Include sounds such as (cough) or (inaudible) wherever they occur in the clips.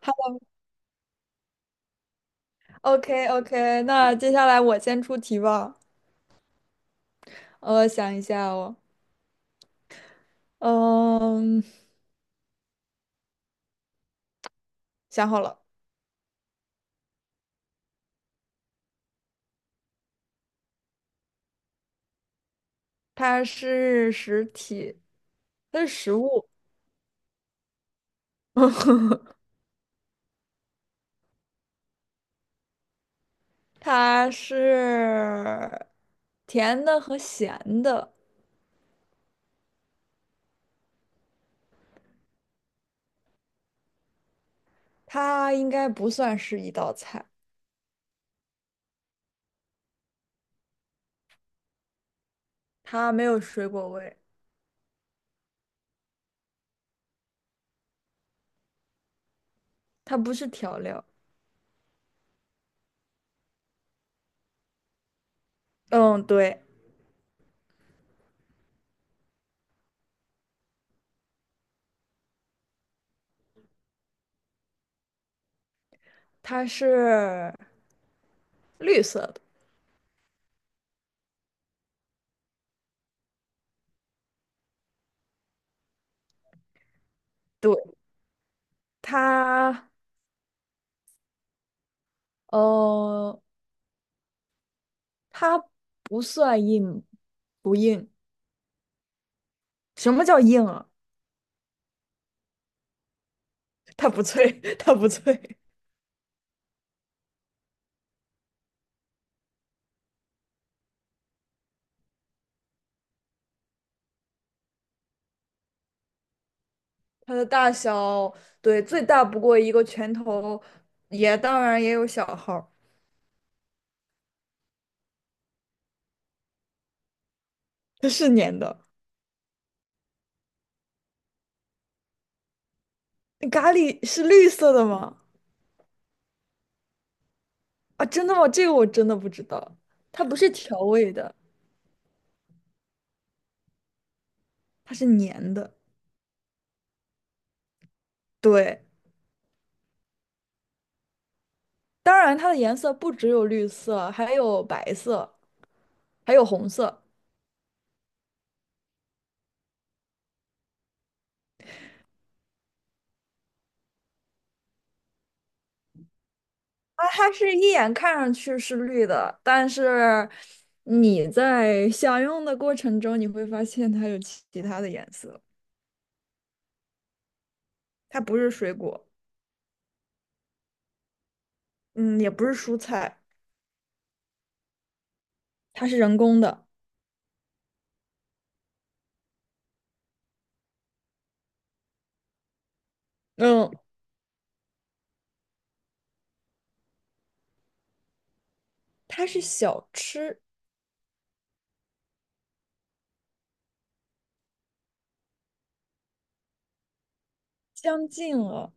好的。 o k o k 那接下来我先出题吧。我想一下哦，嗯，想好了。它是实体，它是食物。(laughs) 它是甜的和咸的，它应该不算是一道菜，它没有水果味，它不是调料。嗯，对，它是绿色的。对，它，呃。它不算硬，不硬。什么叫硬啊？(laughs) 它不脆，(laughs) 它不脆。它的大小，对，最大不过一个拳头，也当然也有小号儿。它是粘的。咖喱是绿色的吗？啊，真的吗？这个我真的不知道。它不是调味的，它是粘的。对，当然它的颜色不只有绿色，还有白色，还有红色。啊，它是一眼看上去是绿的，但是你在享用的过程中，你会发现它有其他的颜色。它不是水果，嗯，也不是蔬菜，它是人工的。嗯，它是小吃，相近了。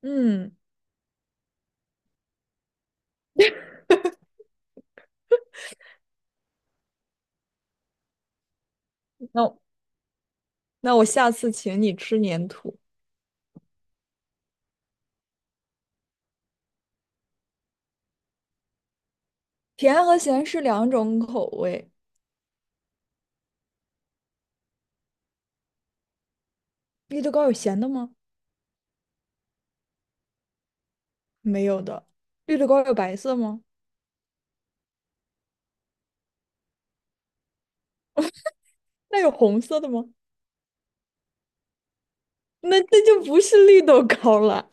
嗯，那我那我下次请你吃粘土。甜和咸是两种口味。绿豆糕有咸的吗？没有的。绿豆糕有白色吗？那有红色的吗？那就不是绿豆糕了。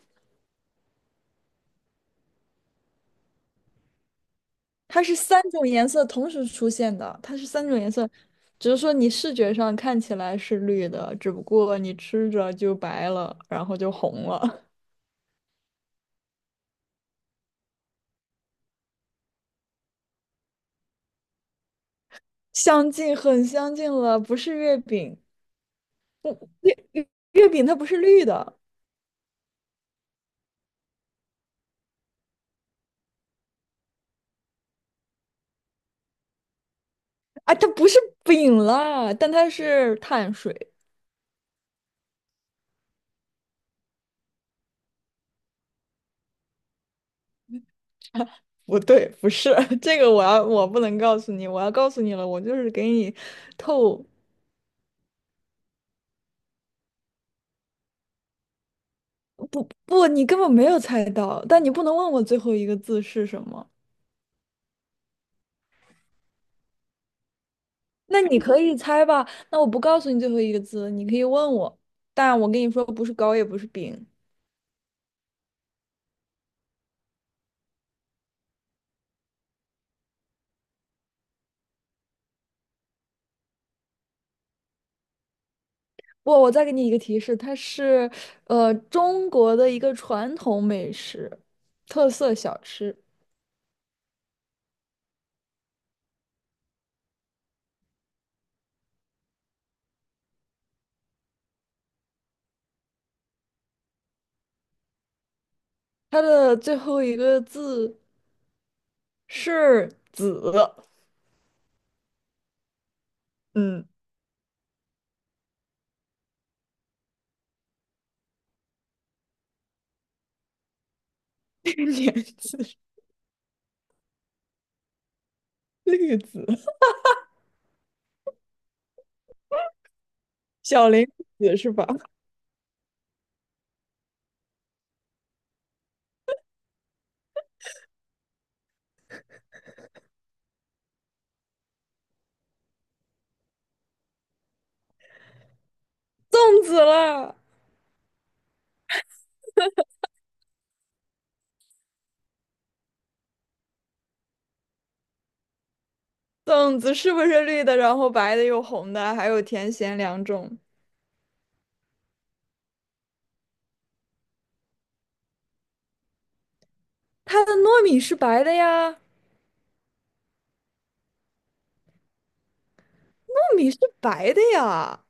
它是三种颜色同时出现的，它是三种颜色，只是说你视觉上看起来是绿的，只不过你吃着就白了，然后就红了。(laughs) 相近很相近了，不是月饼，不月月月饼它不是绿的。啊，它不是饼啦，但它是碳水。不对，不是 (laughs) 这个，我不能告诉你，我要告诉你了，我就是给你透。不不，你根本没有猜到，但你不能问我最后一个字是什么。那你可以猜吧？那我不告诉你最后一个字，你可以问我，但我跟你说不是糕也不是饼。不，我再给你一个提示，它是中国的一个传统美食，特色小吃。它的最后一个字是“子”。嗯，(laughs) 两字，绿子，小林子是吧？粽子啦，粽子是不是绿的？然后白的又红的，还有甜咸两种。它的糯米是白的呀。米是白的呀，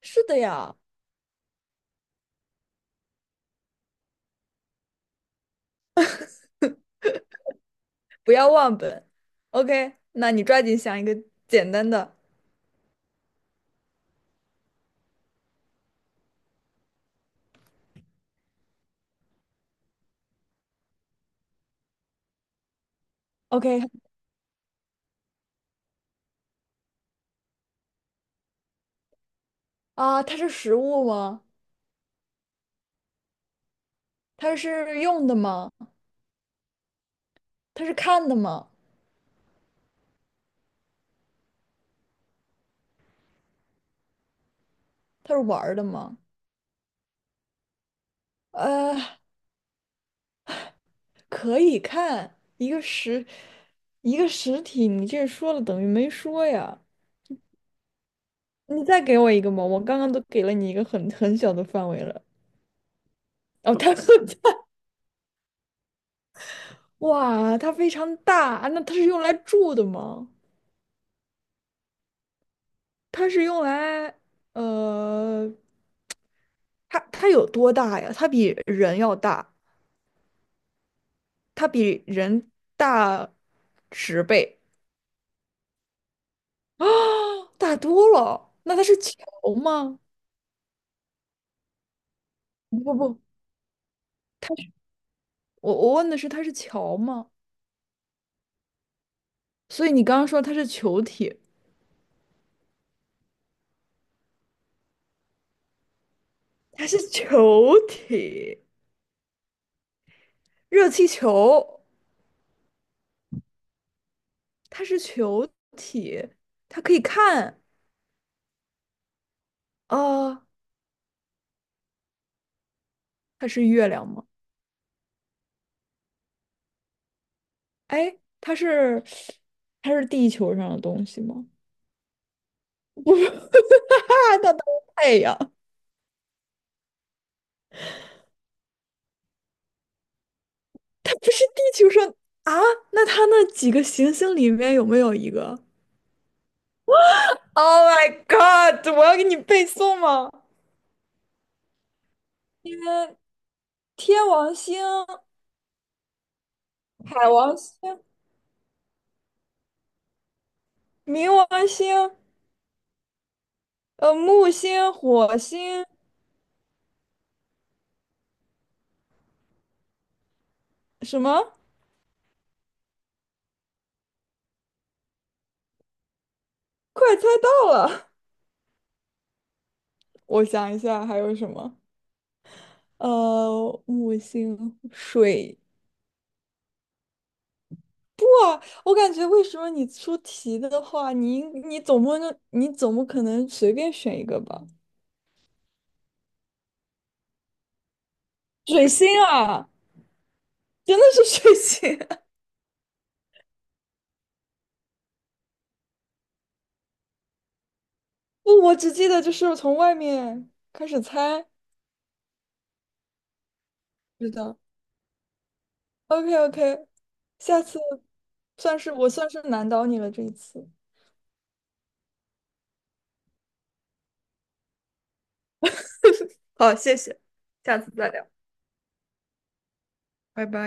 是的呀。不要忘本。OK，那你抓紧想一个简单的。OK，啊，它是食物吗？它是用的吗？它是看的吗？它是玩儿的吗？呃，可以看一个实体，你这说了等于没说呀。你再给我一个嘛，我刚刚都给了你一个很小的范围了。哦，它 (laughs) 很哇，它非常大。那它是用来住的吗？它是用来，呃，它它有多大呀？它比人要大，它比人大10倍啊。(gasps) 大多了。那它是球吗？不不不，我问的是它是球吗？所以你刚刚说它是球体。它是球体，热气球，它是球体，它可以看啊。呃它是月亮吗？哎，它是它是地球上的东西吗？我说 (laughs) 哈哈是太阳，它不是地球上啊？那它那几个行星里面有没有一个？Oh my god！我要给你背诵吗？天天王星、海王星、冥王星、呃木星、火星什么？快猜到了！(laughs) 我想一下还有什么？呃，木星、水我感觉为什么你出题的话，你应你总不能你总不可能随便选一个吧？水星啊，真的是水星！(laughs) 不，我只记得就是从外面开始猜。是的。OK OK，下次算是我算是难倒你了这一次。好，谢谢，下次再聊，拜拜。